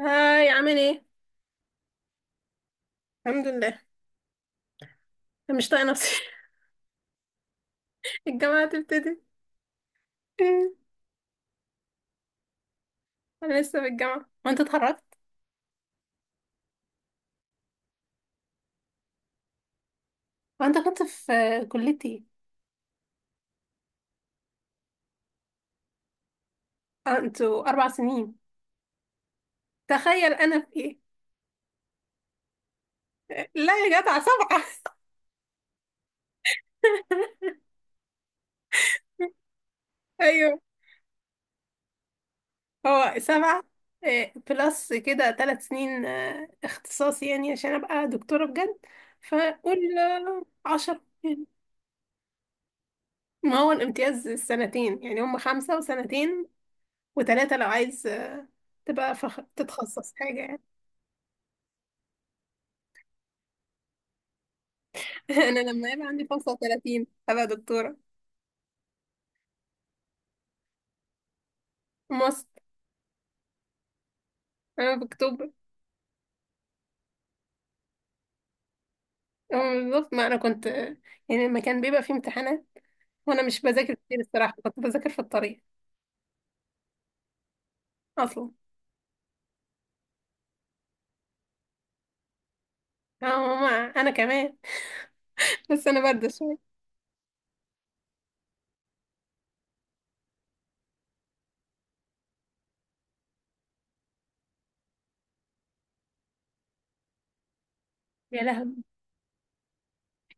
هاي، عامل ايه؟ الحمد لله. أنا مش طايقه نفسي. الجامعه هتبتدي. انا لسه في الجامعه وانت اتخرجت. وانت كنت في كليتي ايه؟ آه، انتوا اربع سنين. تخيل انا في ايه. لا يا جدع، سبعه. ايوه. هو سبعه. إيه، بلس كده ثلاث سنين، اختصاصي يعني عشان ابقى دكتوره بجد. فقول عشرة يعني. ما هو الامتياز سنتين، يعني هم خمسه وسنتين وتلاتة لو عايز تبقى تتخصص حاجة يعني. أنا لما يبقى عندي 35 هبقى دكتورة. ماست. أنا في أكتوبر. أه، بالظبط. ما أنا كنت يعني لما كان بيبقى فيه امتحانات وأنا مش بذاكر كتير الصراحة، كنت بذاكر في الطريق. أصلا. أه، ماما. أنا كمان. بس أنا باردة شوية. يا لهوي.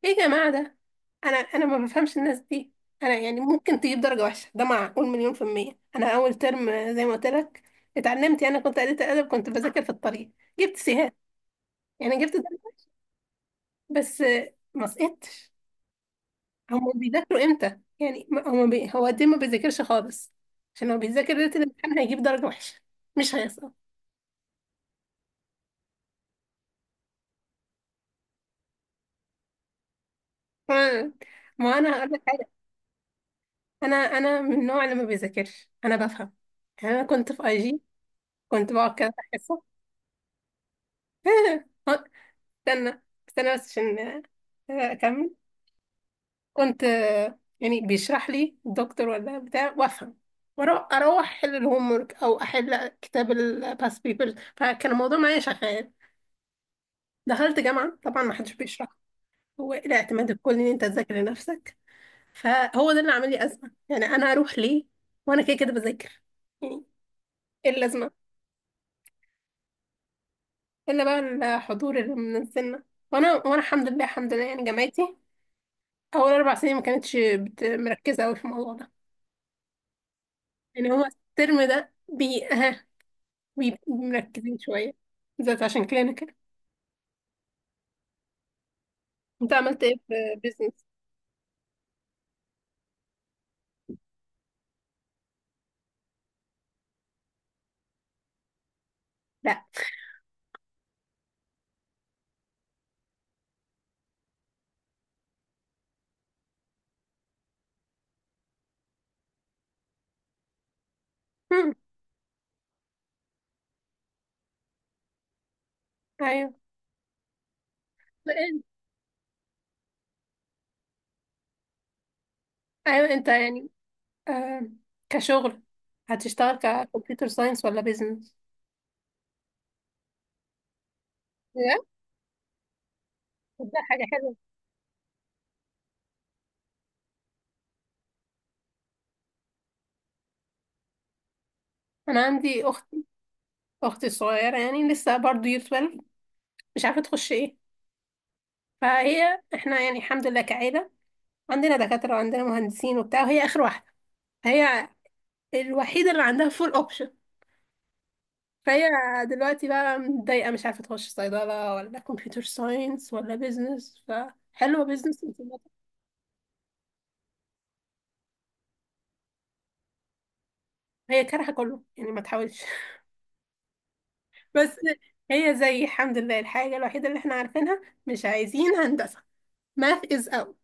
إيه يا جماعة ده؟ أنا ما بفهمش الناس دي. أنا يعني ممكن تجيب درجة وحشة؟ ده معقول؟ مليون في المية. أنا أول ترم زي ما قلت لك، اتعلمت يعني، كنت قريت أدب، كنت بذاكر في الطريق. جبت سي. يعني جبت درجة بس، ما سقطتش. هما بيذاكروا امتى يعني؟ هو قد إيه ما بيذاكرش خالص؟ عشان لو بيذاكر ليلة الامتحان هيجيب درجة وحشة، مش هيسقط. ما ما انا هقول لك حاجة. انا من النوع اللي ما بيذاكرش، انا بفهم. يعني انا كنت في اي جي، كنت بقعد كده في الحصة. استنى استنى بس عشان اكمل. كنت يعني بيشرح لي الدكتور ولا بتاع وافهم، اروح احل الهوم ورك او احل كتاب الباست بيبرز، فكان الموضوع معايا شغال. دخلت جامعه، طبعا ما حدش بيشرح، هو إيه الاعتماد الكلي ان انت تذاكر لنفسك. فهو ده اللي عامل لي ازمه. يعني انا اروح ليه وانا كده كده بذاكر، يعني ايه اللازمه؟ الا بقى الحضور اللي من السنه. وانا الحمد لله، الحمد لله يعني، جامعتي اول اربع سنين ما كانتش مركزه قوي في الموضوع ده. يعني هو الترم ده بيبقوا مركزين شوية، بالذات عشان كده أنا كده. انت عملت ايه في بيزنس؟ لا. مم. ايوه. ايوه، انت يعني. آه، كشغل هتشتغل ككمبيوتر ساينس ولا بيزنس؟ لا، ده حاجة حلوة. أنا عندي أخت، أختي الصغيرة يعني لسه برضه يير 12، مش عارفة تخش إيه. فهي إحنا يعني الحمد لله كعيلة، عندنا دكاترة وعندنا مهندسين وبتاع، وهي آخر واحدة. هي الوحيدة اللي عندها فول أوبشن. فهي دلوقتي بقى متضايقة، مش عارفة تخش صيدلة ولا كمبيوتر ساينس ولا بيزنس، فحلوة بيزنس. هي كارهة كله، يعني ما تحاولش. بس هي زي الحمد لله الحاجة الوحيدة اللي احنا عارفينها، مش عايزين هندسة. math is out.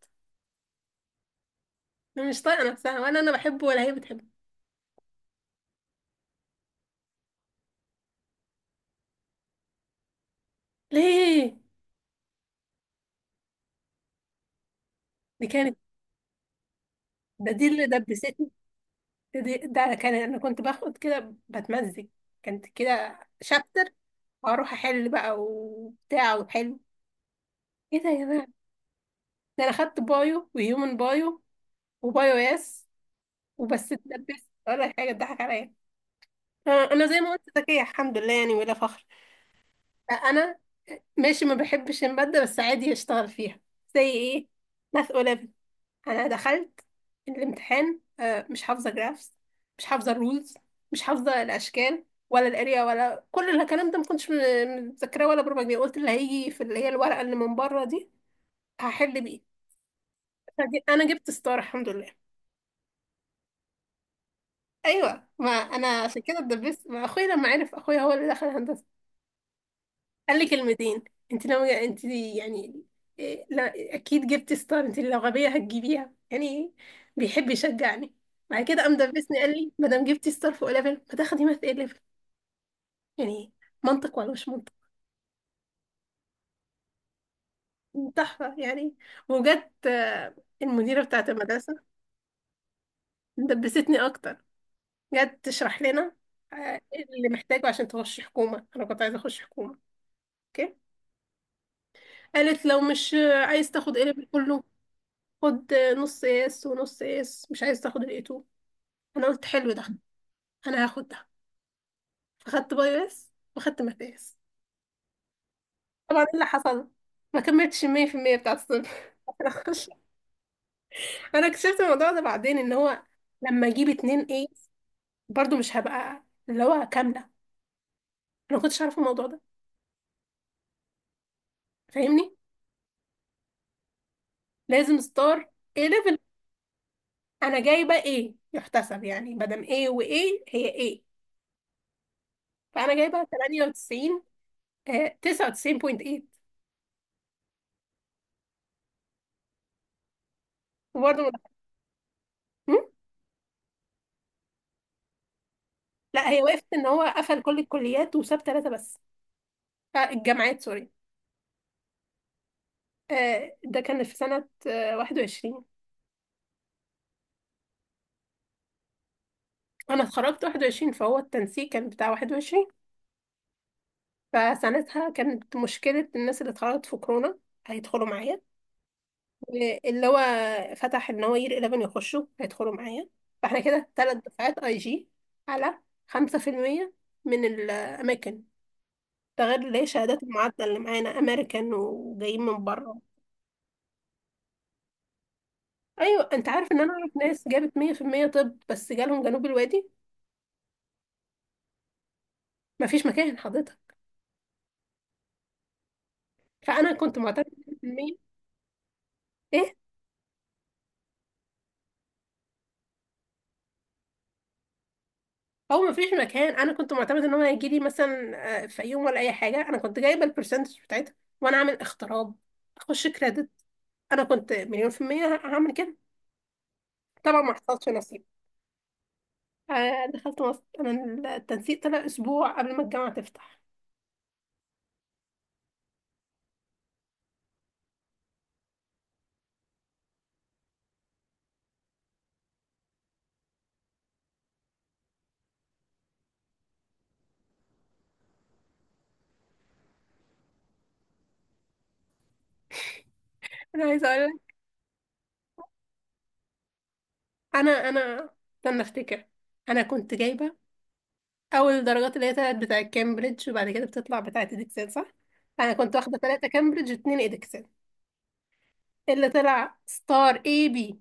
مش طايقة نفسها، ولا أنا بحبه ولا هي بتحبه. ليه؟ دي كانت، دي اللي دبستني. ده كان أنا كنت باخد كده بتمزج، كانت كده شابتر، وأروح أحل بقى وبتاع وحلو. ايه ده يا جماعة؟ ده انا خدت بايو وهيومن بايو وبايو اس، وبس اتدبست، ولا حاجه اتضحك عليا. انا زي ما قلت ذكيه الحمد لله يعني، ولا فخر. انا ماشي، ما بحبش الماده بس عادي اشتغل فيها. زي ايه، ماث 11. انا دخلت الامتحان مش حافظه جرافس، مش حافظه الرولز، مش حافظه الاشكال ولا الاريا ولا كل الكلام ده، ما كنتش متذكراه ولا بربع جنيه. قلت اللي هيجي في اللي هي الورقه اللي من بره دي هحل بيه. انا جبت ستار الحمد لله. ايوه، ما انا عشان كده اتدبست، ما اخويا لما عرف، اخويا هو اللي دخل هندسه، قال لي كلمتين. انت ناويه انت يعني، إيه، لا اكيد جبتي ستار، انت لو غبيه هتجيبيها يعني. بيحب يشجعني. بعد كده قام دبسني، قال لي ما دام جبتي ستار فوق ليفل، ما تاخدي ماث ايه ليفل. يعني منطق ولا مش منطق. تحفه يعني. وجت المديره بتاعه المدرسه دبستني اكتر. جت تشرح لنا إيه اللي محتاجه عشان تخش حكومه. انا كنت عايزه اخش حكومه. قالت لو مش عايز تاخد قلب كله، خد نص قياس ونص قياس، مش عايز تاخد الايتو. انا قلت حلو ده، انا هاخد ده. فخدت بايوس وخدت ماتياس. طبعا إيه اللي حصل، ما كملتش 100% بتاعت الصنف. انا خش، انا اكتشفت الموضوع ده بعدين ان هو لما اجيب اتنين ايه، برضو مش هبقى اللي هو كاملة. انا ما كنتش عارفة الموضوع ده، فاهمني؟ لازم ستار ايه ليفل. انا جايبة ايه يحتسب يعني، مادام ايه وايه هي ايه. فانا جايبة 98، 99.8. وبرضه ما دخل- هم؟ لا، هي وقفت ان هو قفل كل الكليات وساب ثلاثة بس. آه، الجامعات، سوري. آه، ده كان في سنة 21. انا اتخرجت 21، فهو التنسيق كان بتاع 21. فسنتها كانت مشكلة الناس اللي اتخرجت في كورونا هيدخلوا معايا، اللي هو فتح ان هو يير 11 يخشوا هيدخلوا معايا. فاحنا كده ثلاث دفعات اي جي على 5% من الاماكن، ده غير اللي هي شهادات المعادلة اللي معانا أمريكان وجايين من بره. أيوة، أنت عارف إن أنا أعرف ناس جابت 100% طب بس جالهم جنوب الوادي. مفيش مكان حضرتك. فأنا كنت معتمدة 100%. إيه، هو مفيش مكان. أنا كنت معتمدة إن هو هيجيلي مثلا في يوم ولا أي حاجة، أنا كنت جايبة البرسنتج بتاعتها، وأنا عامل اختراب أخش كريدت. أنا كنت مليون في المية هعمل كده. طبعا ما حصلش نصيب. دخلت مصر. أنا التنسيق طلع أسبوع قبل ما الجامعة تفتح. أنا عايزة أقول، انا استنى افتكر. انا كنت جايبه اول الدرجات اللي هي تلات بتاع كامبريدج، وبعد كده بتطلع بتاعه ادكسل، صح؟ انا كنت واخده ثلاثه كامبريدج واتنين ادكسل. اللي طلع ستار اي بي.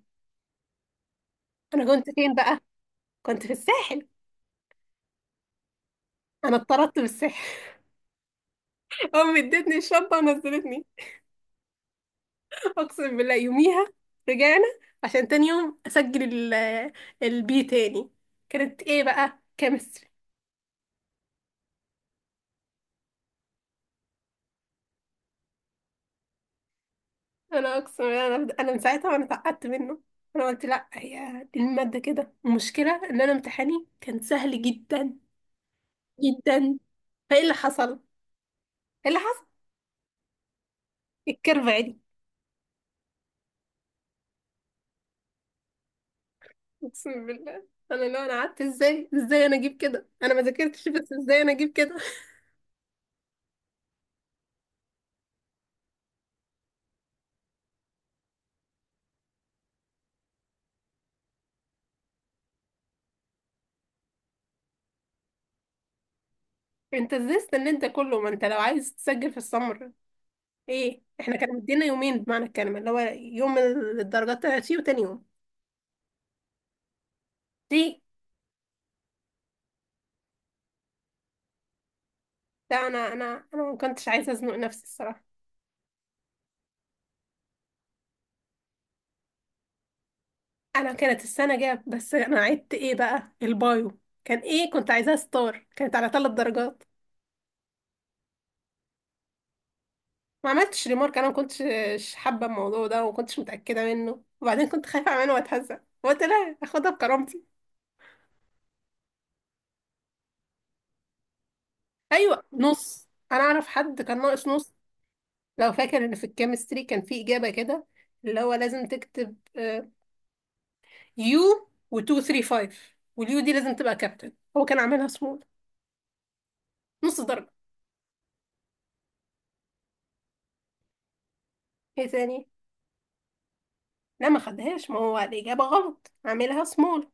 انا كنت فين بقى؟ كنت في الساحل. انا اتطردت بالساحل. امي ادتني الشنطه ونزلتني. اقسم بالله يوميها. رجعنا عشان تاني يوم اسجل البي تاني. كانت ايه بقى؟ كيمستري. انا اقسم بالله، انا من ساعتها وانا اتعقدت منه. انا قلت لا هي دي الماده كده، المشكله ان انا امتحاني كان سهل جدا جدا. فايه اللي حصل، ايه اللي حصل؟ الكيرف عالي. اقسم بالله، انا لو انا قعدت ازاي ازاي انا اجيب كده؟ انا ما ذاكرتش، بس ازاي انا اجيب كده؟ انت ازاي استنيت ده كله؟ ما انت لو عايز تسجل في السمر، ايه احنا كانوا مدينا يومين بمعنى الكلمه، اللي هو يوم الدرجات طلعت فيه وتاني يوم. ليه؟ لا، انا ما كنتش عايزه ازنق نفسي الصراحه. انا كانت السنه جاب، بس انا عدت، ايه بقى البايو؟ كان ايه، كنت عايزاها ستار كانت على ثلاث درجات. ما عملتش ريمارك، انا ما كنتش حابه الموضوع ده وما كنتش متاكده منه، وبعدين كنت خايفه اعمله واتهزق، قلت لا اخدها بكرامتي. ايوه، نص. انا اعرف حد كان ناقص نص. لو فاكر ان في الكيمستري كان في اجابه كده اللي هو لازم تكتب يو و 2 3 5، واليو دي لازم تبقى كابتن، هو كان عاملها سمول، نص درجه. ايه تاني. لا ما خدهاش، ما هو الإجابة غلط عاملها سمول.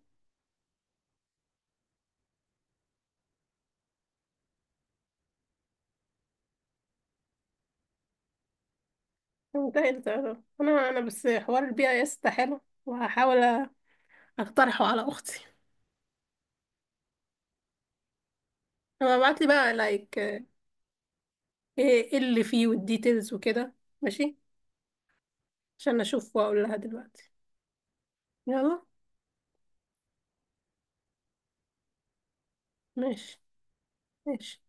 ده اختيار. انا بس حوار البي اي اس ده حلو، وهحاول اقترحه على اختي. انا ابعت لي بقى لايك ايه إيه اللي فيه والديتيلز وكده. ماشي، عشان اشوف واقول لها دلوقتي. يلا. ماشي. ماشي.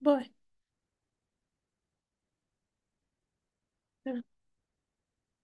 باي.